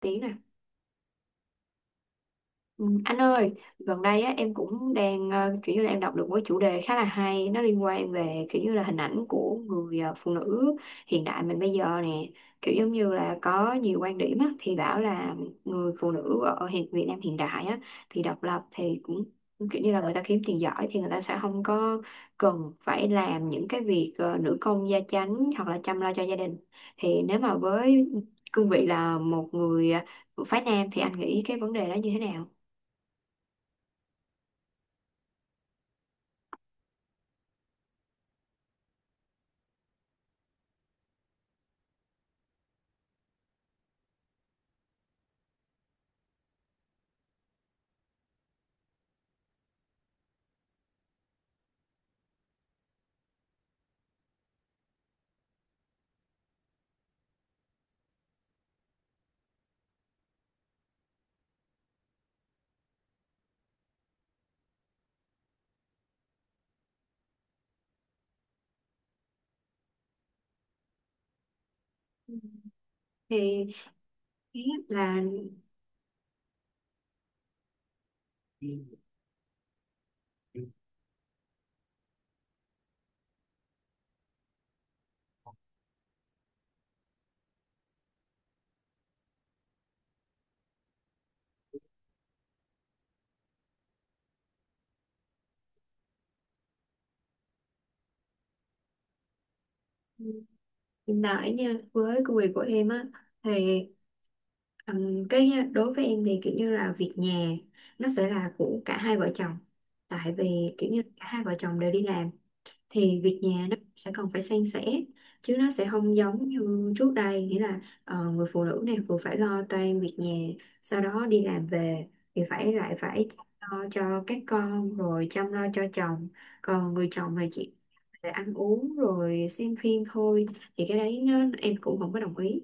Tí này. Ừ, anh ơi, gần đây á, em cũng đang kiểu như là em đọc được một cái chủ đề khá là hay, nó liên quan về kiểu như là hình ảnh của người phụ nữ hiện đại mình bây giờ nè, kiểu giống như là có nhiều quan điểm á, thì bảo là người phụ nữ ở hiện Việt Nam hiện đại á, thì độc lập thì cũng kiểu như là người ta kiếm tiền giỏi thì người ta sẽ không có cần phải làm những cái việc nữ công gia chánh hoặc là chăm lo cho gia đình, thì nếu mà với cương vị là một người phái nam thì anh nghĩ cái vấn đề đó như thế nào? Thì ý là hiện tại nha, với công việc của em á thì cái đối với em thì kiểu như là việc nhà nó sẽ là của cả hai vợ chồng, tại vì kiểu như cả hai vợ chồng đều đi làm thì việc nhà nó sẽ còn phải san sẻ, chứ nó sẽ không giống như trước đây, nghĩa là người phụ nữ này vừa phải lo toan việc nhà, sau đó đi làm về thì phải lại phải lo cho các con rồi chăm lo cho chồng, còn người chồng là chỉ về ăn uống rồi xem phim thôi, thì cái đấy nó, em cũng không có đồng ý.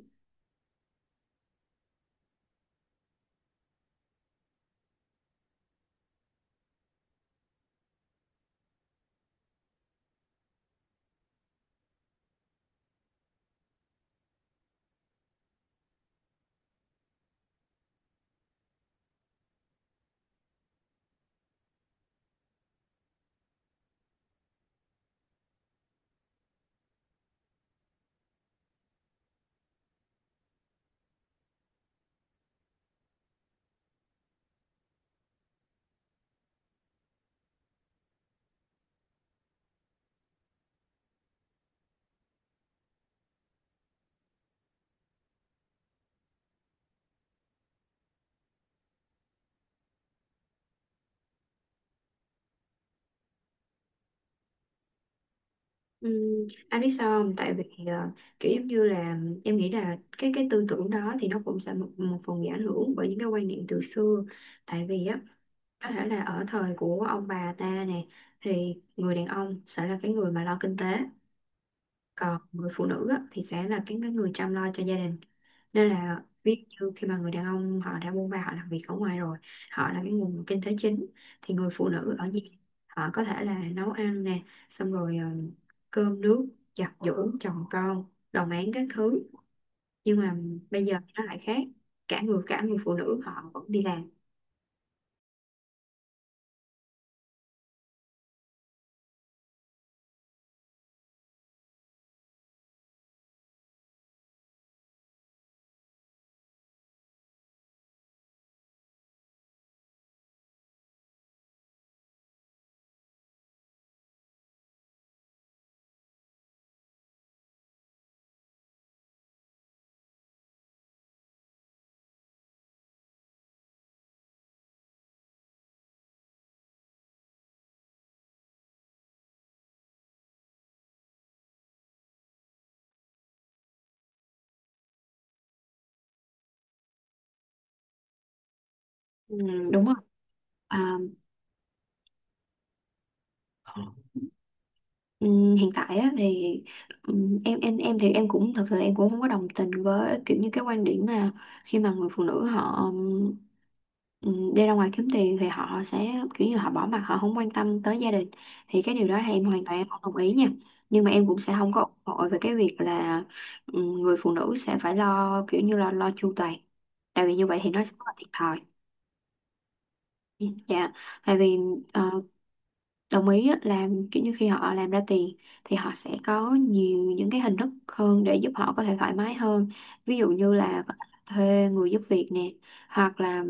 Anh biết sao không? Tại vì kiểu giống như là em nghĩ là cái tư tưởng đó thì nó cũng sẽ một phần bị ảnh hưởng bởi những cái quan niệm từ xưa, tại vì á có thể là ở thời của ông bà ta nè, thì người đàn ông sẽ là cái người mà lo kinh tế, còn người phụ nữ á, thì sẽ là cái người chăm lo cho gia đình, nên là ví dụ khi mà người đàn ông họ đã buôn ba họ làm việc ở ngoài rồi, họ là cái nguồn kinh tế chính, thì người phụ nữ ở nhà họ có thể là nấu ăn nè, xong rồi cơm nước, giặt giũ chồng con, đồng áng các thứ, nhưng mà bây giờ nó lại khác, cả người phụ nữ họ vẫn đi làm. Ừ, đúng rồi. À, ừm, hiện tại á, thì em thì em cũng thật sự em cũng không có đồng tình với kiểu như cái quan điểm mà khi mà người phụ nữ họ đi ra ngoài kiếm tiền thì họ sẽ kiểu như họ bỏ mặc, họ không quan tâm tới gia đình, thì cái điều đó thì em hoàn toàn em không đồng ý nha, nhưng mà em cũng sẽ không có ủng hộ về cái việc là người phụ nữ sẽ phải lo kiểu như là lo chu toàn, tại vì như vậy thì nó sẽ rất là thiệt thòi. Dạ, tại vì ờ, đồng ý á, là kiểu như khi họ làm ra tiền thì họ sẽ có nhiều những cái hình thức hơn để giúp họ có thể thoải mái hơn, ví dụ như là có thể thuê người giúp việc nè, hoặc là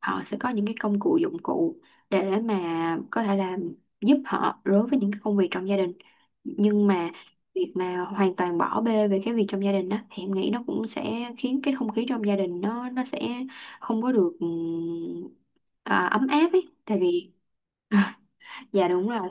họ sẽ có những cái công cụ dụng cụ để mà có thể làm giúp họ đối với những cái công việc trong gia đình, nhưng mà việc mà hoàn toàn bỏ bê về cái việc trong gia đình đó thì em nghĩ nó cũng sẽ khiến cái không khí trong gia đình nó sẽ không có được ấm áp ấy, tại vì dạ đúng rồi.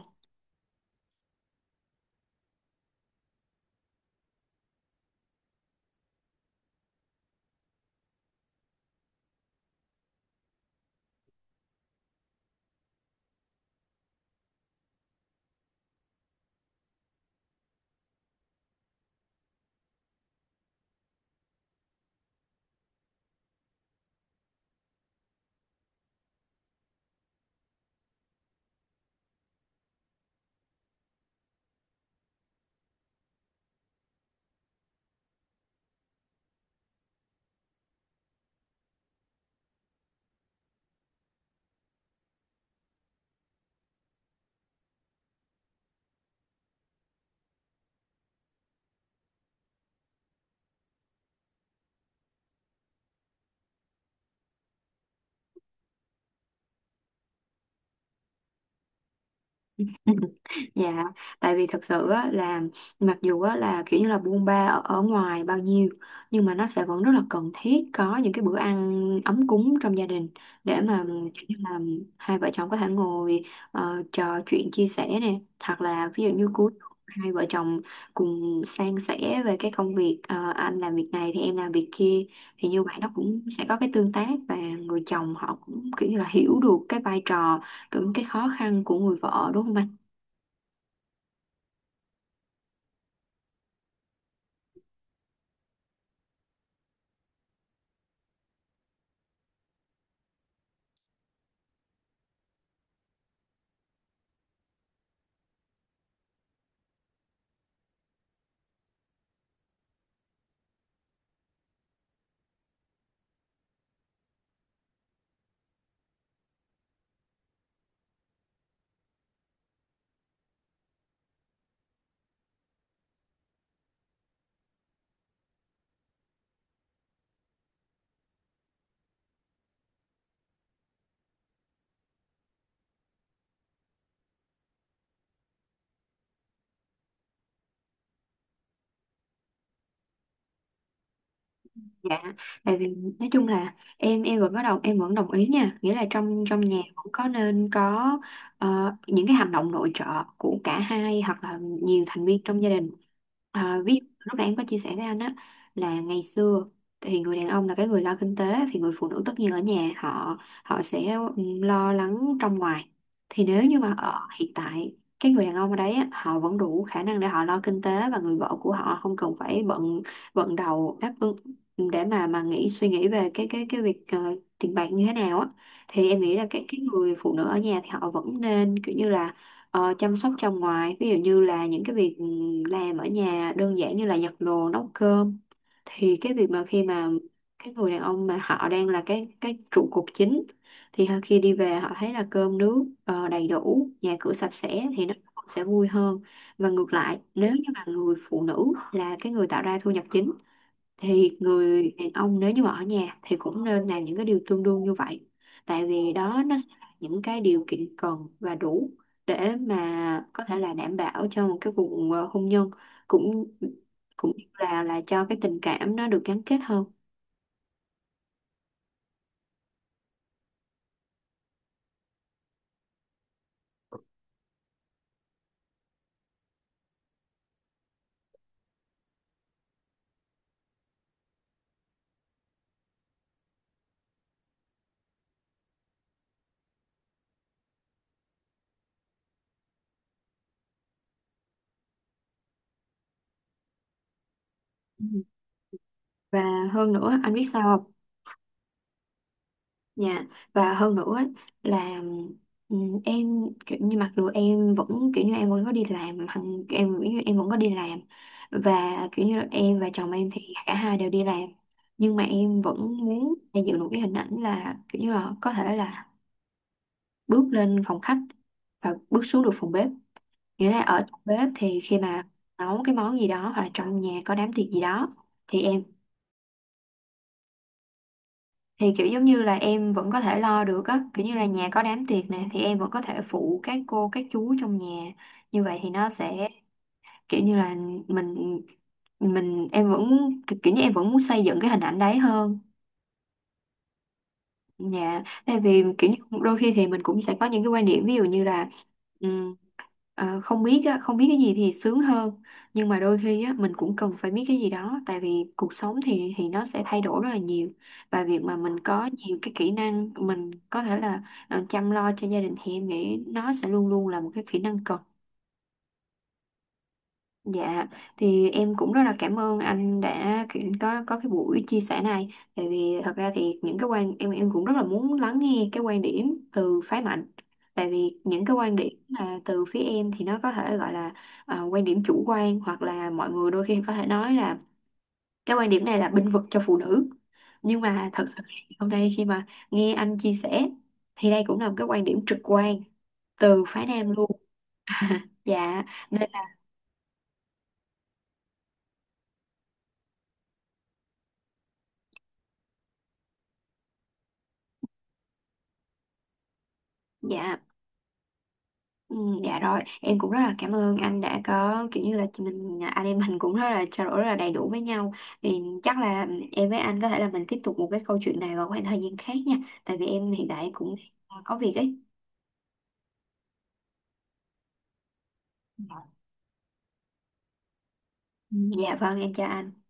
Dạ, tại vì thật sự á, là mặc dù á, là kiểu như là buôn ba ở ngoài bao nhiêu, nhưng mà nó sẽ vẫn rất là cần thiết có những cái bữa ăn ấm cúng trong gia đình, để mà kiểu như là hai vợ chồng có thể ngồi trò chuyện chia sẻ nè, hoặc là ví dụ như cuối tuần hai vợ chồng cùng san sẻ về cái công việc, anh làm việc này thì em làm việc kia, thì như vậy nó cũng sẽ có cái tương tác, và người chồng họ cũng kiểu như là hiểu được cái vai trò, cũng cái khó khăn của người vợ, đúng không anh? Dạ, tại vì nói chung là em vẫn có đồng em vẫn đồng ý nha, nghĩa là trong trong nhà vẫn có nên có những cái hành động nội trợ của cả hai hoặc là nhiều thành viên trong gia đình. À, ví dụ lúc nãy em có chia sẻ với anh á, là ngày xưa thì người đàn ông là cái người lo kinh tế, thì người phụ nữ tất nhiên ở nhà họ họ sẽ lo lắng trong ngoài. Thì nếu như mà ở hiện tại cái người đàn ông ở đấy á, họ vẫn đủ khả năng để họ lo kinh tế và người vợ của họ không cần phải bận bận đầu đáp ứng, để mà nghĩ suy nghĩ về cái việc tiền bạc như thế nào á, thì em nghĩ là cái người phụ nữ ở nhà thì họ vẫn nên kiểu như là chăm sóc trong ngoài, ví dụ như là những cái việc làm ở nhà đơn giản như là giặt đồ nấu cơm, thì cái việc mà khi mà cái người đàn ông mà họ đang là cái trụ cột chính thì họ- khi đi về họ thấy là cơm nước đầy đủ, nhà cửa sạch sẽ thì nó sẽ vui hơn, và ngược lại nếu như mà người phụ nữ là cái người tạo ra thu nhập chính, thì người đàn ông nếu như mà ở nhà thì cũng nên làm những cái điều tương đương như vậy, tại vì đó nó sẽ là những cái điều kiện cần và đủ để mà có thể là đảm bảo cho một cái cuộc hôn nhân, cũng cũng như là cho cái tình cảm nó được gắn kết hơn. Ừ. Và hơn nữa anh biết sao không? Dạ, và hơn nữa ấy, là em kiểu như mặc dù em vẫn kiểu như em vẫn có đi làm hằng, em kiểu như em vẫn có đi làm, và kiểu như là em và chồng em thì cả hai đều đi làm, nhưng mà em vẫn muốn xây dựng một cái hình ảnh là kiểu như là có thể là bước lên phòng khách và bước xuống được phòng bếp, nghĩa là ở trong bếp thì khi mà nấu cái món gì đó hoặc là trong nhà có đám tiệc gì đó, thì em thì kiểu giống như là em vẫn có thể lo được á, kiểu như là nhà có đám tiệc nè thì em vẫn có thể phụ các cô các chú trong nhà, như vậy thì nó sẽ kiểu như là mình mình em vẫn kiểu như em vẫn muốn xây dựng cái hình ảnh đấy hơn. Dạ, tại vì kiểu như đôi khi thì mình cũng sẽ có những cái quan điểm, ví dụ như là ừm, không biết á, không biết cái gì thì sướng hơn, nhưng mà đôi khi á, mình cũng cần phải biết cái gì đó, tại vì cuộc sống thì nó sẽ thay đổi rất là nhiều, và việc mà mình có nhiều cái kỹ năng mình có thể là chăm lo cho gia đình, thì em nghĩ nó sẽ luôn luôn là một cái kỹ năng cần. Dạ, thì em cũng rất là cảm ơn anh đã kiểu có cái buổi chia sẻ này. Tại vì thật ra thì những cái quan em cũng rất là muốn lắng nghe cái quan điểm từ phái mạnh. Tại vì những cái quan điểm mà từ phía em thì nó có thể gọi là à, quan điểm chủ quan, hoặc là mọi người đôi khi có thể nói là cái quan điểm này là bênh vực cho phụ nữ. Nhưng mà thật sự thì hôm nay khi mà nghe anh chia sẻ, thì đây cũng là một cái quan điểm trực quan từ phái nam luôn. Dạ, nên là dạ. Ừ, dạ rồi, em cũng rất là cảm ơn anh đã có kiểu như là chị mình anh em mình cũng rất là trao đổi rất là đầy đủ với nhau. Thì chắc là em với anh có thể là mình tiếp tục một cái câu chuyện này vào khoảng thời gian khác nha. Tại vì em hiện tại cũng có việc ấy. Ừ. Dạ vâng, em chào anh.